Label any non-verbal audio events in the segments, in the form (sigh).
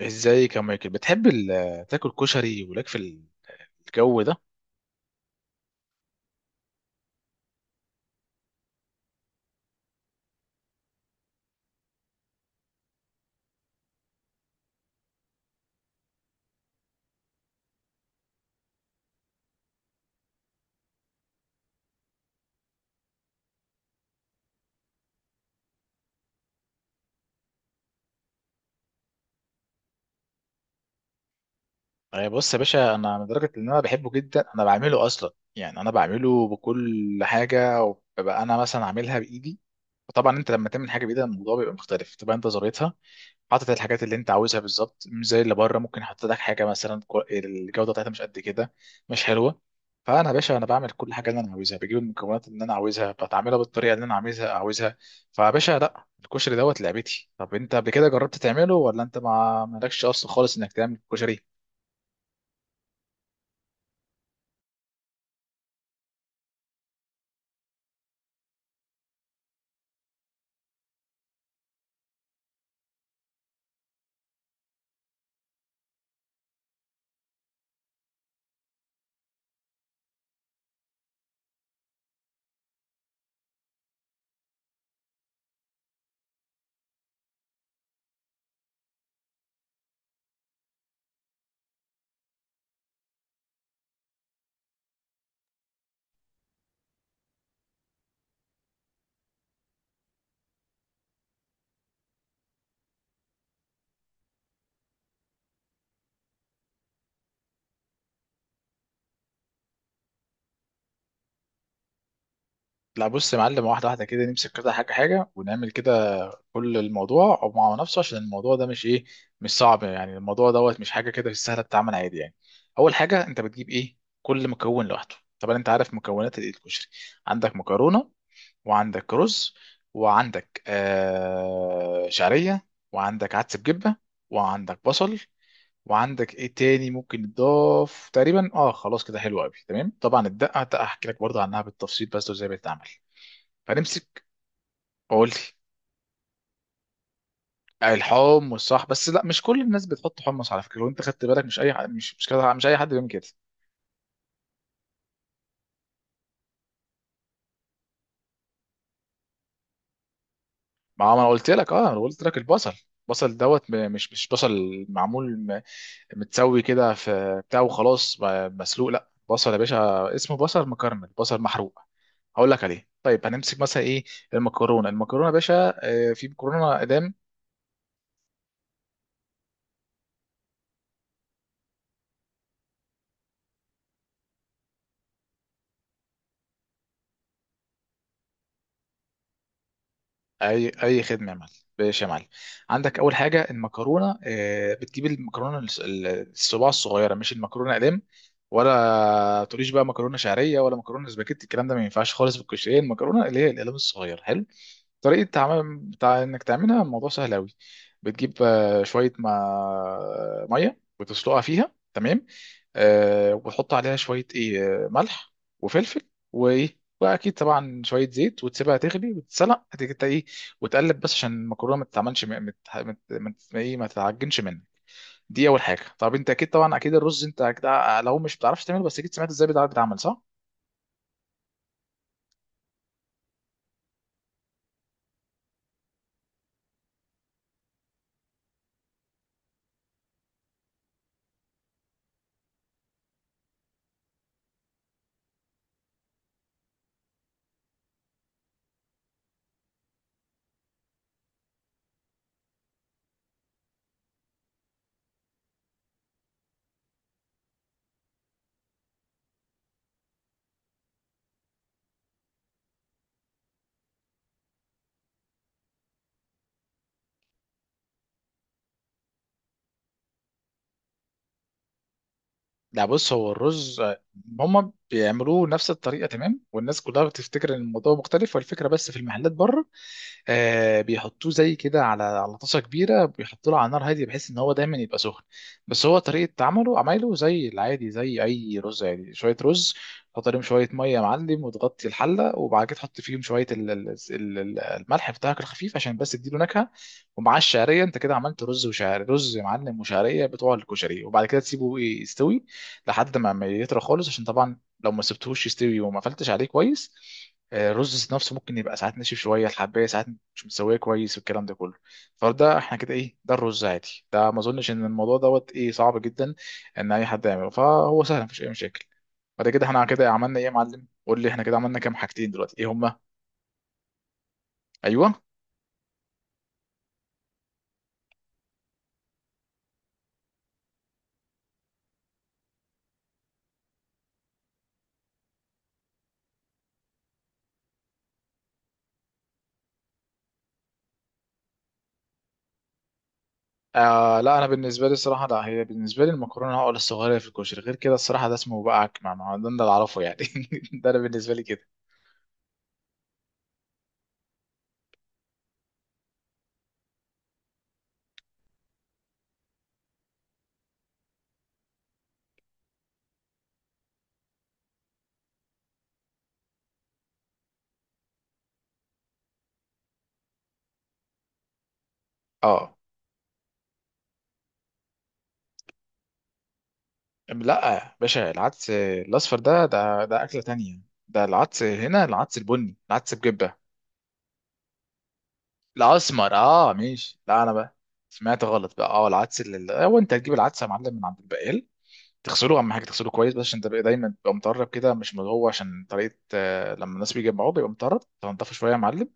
ازيك يا مايكل؟ بتحب تاكل كشري ولك في الجو ده؟ أي بص يا باشا، انا لدرجه ان انا بحبه جدا انا بعمله اصلا. يعني انا بعمله بكل حاجه، وببقى انا مثلا عاملها بايدي. وطبعا انت لما تعمل حاجه بايدك الموضوع بيبقى مختلف، تبقى انت زريتها، حاطط الحاجات اللي انت عاوزها بالظبط، مش زي اللي بره ممكن يحط لك حاجه مثلا الجوده بتاعتها مش قد كده، مش حلوه. فانا يا باشا انا بعمل كل حاجه اللي انا عاوزها، بجيب المكونات اللي انا عاوزها، بتعملها بالطريقه اللي انا عاوزها فيا باشا لا، الكشري دوت لعبتي. طب انت قبل كده جربت تعمله، ولا انت ما مالكش اصلا خالص انك تعمل كشري؟ لا بص يا معلم، واحده واحده كده، نمسك كده حاجه حاجه ونعمل كده كل الموضوع مع نفسه. عشان الموضوع ده مش ايه، مش صعب. يعني الموضوع دوت مش حاجه، كده سهله بتتعمل عادي. يعني اول حاجه انت بتجيب ايه كل مكون لوحده. طبعا انت عارف مكونات الإيه الكشري، عندك مكرونه، وعندك رز، وعندك آه شعريه، وعندك عدس بجبه، وعندك بصل، وعندك ايه تاني ممكن يتضاف تقريبا؟ اه خلاص كده، حلو قوي تمام. طبعا الدقه هحكي لك برضه عنها بالتفصيل، بس وازاي بتتعمل. فنمسك. قول لي. الحمص صح، بس لا مش كل الناس بتحط حمص على فكره. لو انت خدت بالك مش اي مش كده، مش اي حد بيعمل كده. ما هو انا قلت لك، اه انا قلت لك البصل. البصل دوت مش بصل معمول متسوي كده في بتاع وخلاص، مسلوق. لا بصل يا باشا، اسمه بصل مكرمل، بصل محروق، هقول لك عليه. طيب هنمسك مثلا ايه؟ المكرونه. المكرونه يا باشا، في مكرونه اقدام. اي اي خدمه يا معلم. باش يا معلم. عندك اول حاجه المكرونه، بتجيب المكرونه الصباع الصغيره، مش المكرونه اقلام. ولا تقوليش بقى مكرونه شعريه، ولا مكرونه سباكيتي، الكلام ده ما ينفعش خالص في الكشري. المكرونه اللي هي الاقلام الصغير، حلو. طريقة عمل بتاع انك تعملها الموضوع سهل قوي. بتجيب شوية ما... مية وتسلقها فيها، تمام. آه، وتحط عليها شوية ايه، ملح وفلفل وايه، واكيد طبعا شوية زيت، وتسيبها تغلي وتتسلق. هتيجي إنت ايه وتقلب، بس عشان المكرونة ما تتعملش ايه، ما تتعجنش منك. دي اول حاجة. طب انت اكيد، طبعا اكيد الرز انت اكيد لو مش بتعرفش تعمله، بس اكيد سمعت ازاي بيتعمل صح؟ لا بص، هو الرز هم بيعملوه نفس الطريقه تمام، والناس كلها بتفتكر ان الموضوع مختلف، والفكره بس في المحلات بره آه بيحطوه زي كده على طاسه كبيره، بيحطوا له على نار هاديه بحيث ان هو دايما يبقى سخن. بس هو طريقه عمله عمايله زي العادي، زي اي رز. يعني شويه رز تحط عليهم شويه ميه يا معلم، وتغطي الحله، وبعد كده تحط فيهم شويه الملح بتاعك الخفيف عشان بس تديله نكهه، ومعاه الشعريه. انت كده عملت رز وشعريه، رز يا معلم وشعريه بتوع الكشري. وبعد كده تسيبه إيه، يستوي لحد ما يطرى خالص. عشان طبعا لو ما سبتهوش يستوي وما قفلتش عليه كويس، الرز نفسه ممكن يبقى ساعات ناشف شويه، الحبايه ساعات مش متسويه كويس والكلام ده كله. فده احنا كده ايه، ده الرز عادي، ده ما اظنش ان الموضوع دوت ايه صعب جدا ان اي حد يعمله، فهو سهل مفيش اي مشاكل. بعد كده احنا كده عملنا ايه يا معلم؟ قول لي احنا كده عملنا كام حاجتين دلوقتي، ايه هما؟ ايوه. آه لا، انا بالنسبه لي الصراحه لا، هي بالنسبه لي المكرونه عقله الصغيره في الكشري، غير كده الصراحه ده اسمه بقى عكمه ما، ده اللي اعرفه يعني (laughs) ده انا بالنسبه لي كده. اه لا يا باشا، العدس الاصفر ده اكله تانية. ده العدس، هنا العدس البني، العدس بجبه. الاسمر اه ماشي، لا انا بقى سمعت غلط بقى. اه العدس هو انت هتجيب العدس يا معلم من عند البقال، تغسله، اهم حاجه تغسله كويس. بس عشان تبقى دايما تبقى مطرب كده مش من جوه، عشان طريقه لما الناس بيجي يجمعوه بيبقى مطرب، تنضفه شويه يا معلم،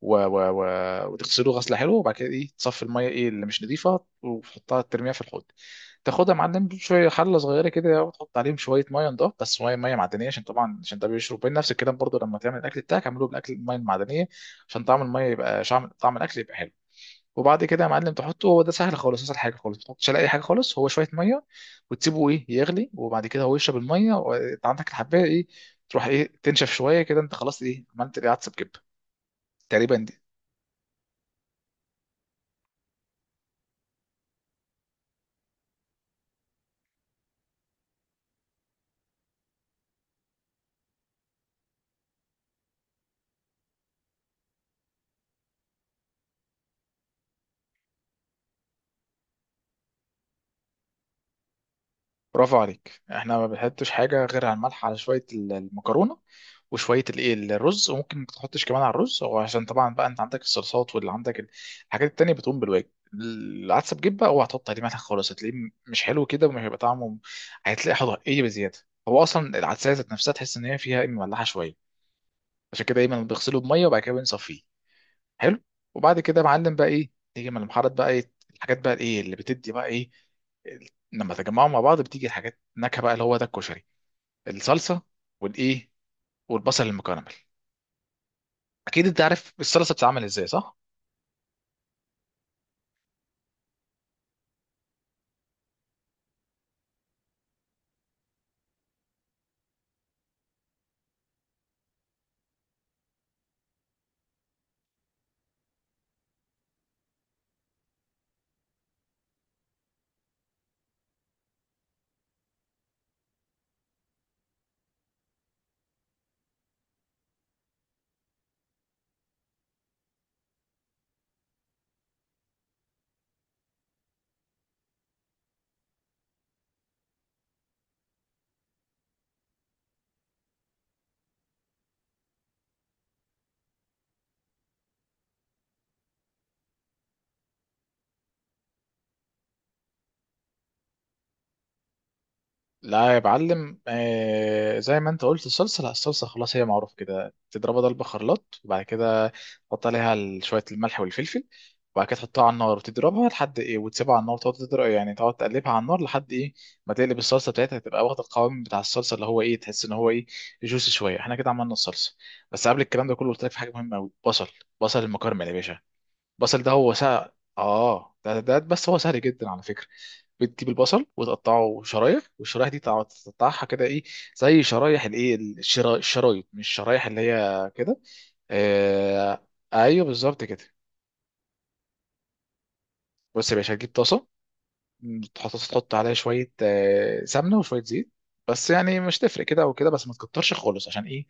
و... و... و... وتغسله غسله حلوه، وبعد كده ايه تصفي الميه ايه اللي مش نظيفه وتحطها ترميها في الحوض. تاخدها يا معلم شويه حله صغيره كده، وتحط عليهم شويه ميه نضاف، بس ميه معدنيه. عشان طبعا عشان ده بيشرب، بين نفس الكلام برضه لما تعمل الاكل بتاعك اعمله بالاكل الميه المعدنيه، عشان طعم الميه يبقى طعم الاكل يبقى حلو. وبعد كده يا معلم تحطه، هو ده سهل خالص، اسهل حاجه خالص، ما تحطش على اي حاجه خالص، هو شويه ميه وتسيبه ايه يغلي، وبعد كده هو يشرب الميه، وانت عندك الحبايه ايه تروح ايه تنشف شويه كده. انت خلاص ايه عملت ايه عدس بجبه تقريبا دي. برافو عليك. احنا ما بنحطش حاجه غير على الملح على شويه المكرونه، وشويه الايه الرز. وممكن ما تحطش كمان على الرز، وعشان طبعا بقى انت عندك الصلصات، واللي عندك الحاجات التانية بتقوم بالواجب. العدسه بجيب بقى اوعى تحط عليه ملح خالص، هتلاقيه مش حلو كده، ومش هيبقى طعمه، هتلاقي حضر ايه بزياده. هو اصلا العدسه ذات نفسها تحس ان هي فيها إيه، مملحه شويه، عشان كده دايما بيغسلوا بميه وبعد كده بنصفيه. حلو. وبعد كده يا معلم بقى ايه، تيجي من المحارات بقى ايه الحاجات بقى ايه اللي بتدي بقى ايه ال- لما تجمعهم مع بعض بتيجي الحاجات نكهه بقى، اللي هو ده الكشري. الصلصه، والايه، والبصل المكرمل. اكيد انت عارف الصلصه بتتعمل ازاي، صح؟ لا يا معلم، آه زي ما انت قلت الصلصه، لا الصلصه خلاص هي معروف كده، تضربها ضربه خلاط، وبعد كده تحط عليها شويه الملح والفلفل، وبعد كده تحطها على النار وتضربها لحد ايه، وتسيبها على النار وتقعد تضرب، يعني تقعد تقلبها على النار لحد ايه ما تقلب الصلصه بتاعتها، تبقى واخده القوام بتاع الصلصه، اللي هو ايه تحس ان هو ايه جوسي شويه. احنا كده عملنا الصلصه. بس قبل الكلام ده كله قلت لك في حاجه مهمه قوي، بصل، بصل المكرمل يا باشا. البصل ده هو سهل. اه ده بس هو سهل جدا على فكرة. بتجيب البصل وتقطعه شرايح، والشرايح دي تقطعها كده ايه زي شرايح الايه الشرايط، مش الشرايح اللي هي كده. آه. ايوه بالظبط كده. بص يا باشا هتجيب طاسة، تحط عليها شوية آه سمنة وشوية زيت، بس يعني مش تفرق كده او كده، بس ما تكترش خالص عشان ايه،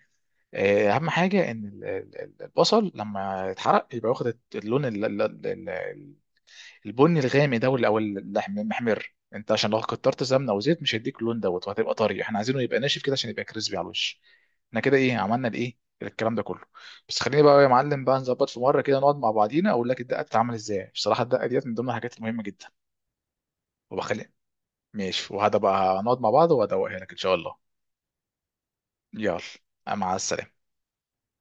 اهم حاجه ان البصل لما يتحرق يبقى واخد اللون البني الغامق ده، او اللحم المحمر. انت عشان لو كترت سمنه وزيت مش هيديك اللون دوت، وهتبقى طري، احنا عايزينه يبقى ناشف كده عشان يبقى كريسبي على الوش. احنا كده ايه عملنا الايه الكلام ده كله. بس خليني بقى يا معلم بقى نظبط في مره كده نقعد مع بعضينا، اقول لك الدقه بتتعمل ازاي، بصراحه الدقه ديت من ضمن الحاجات المهمه جدا. وبخلي. ماشي، وهذا بقى نقعد مع بعض وهدوقها لك ان شاء الله. يلا، مع السلامه.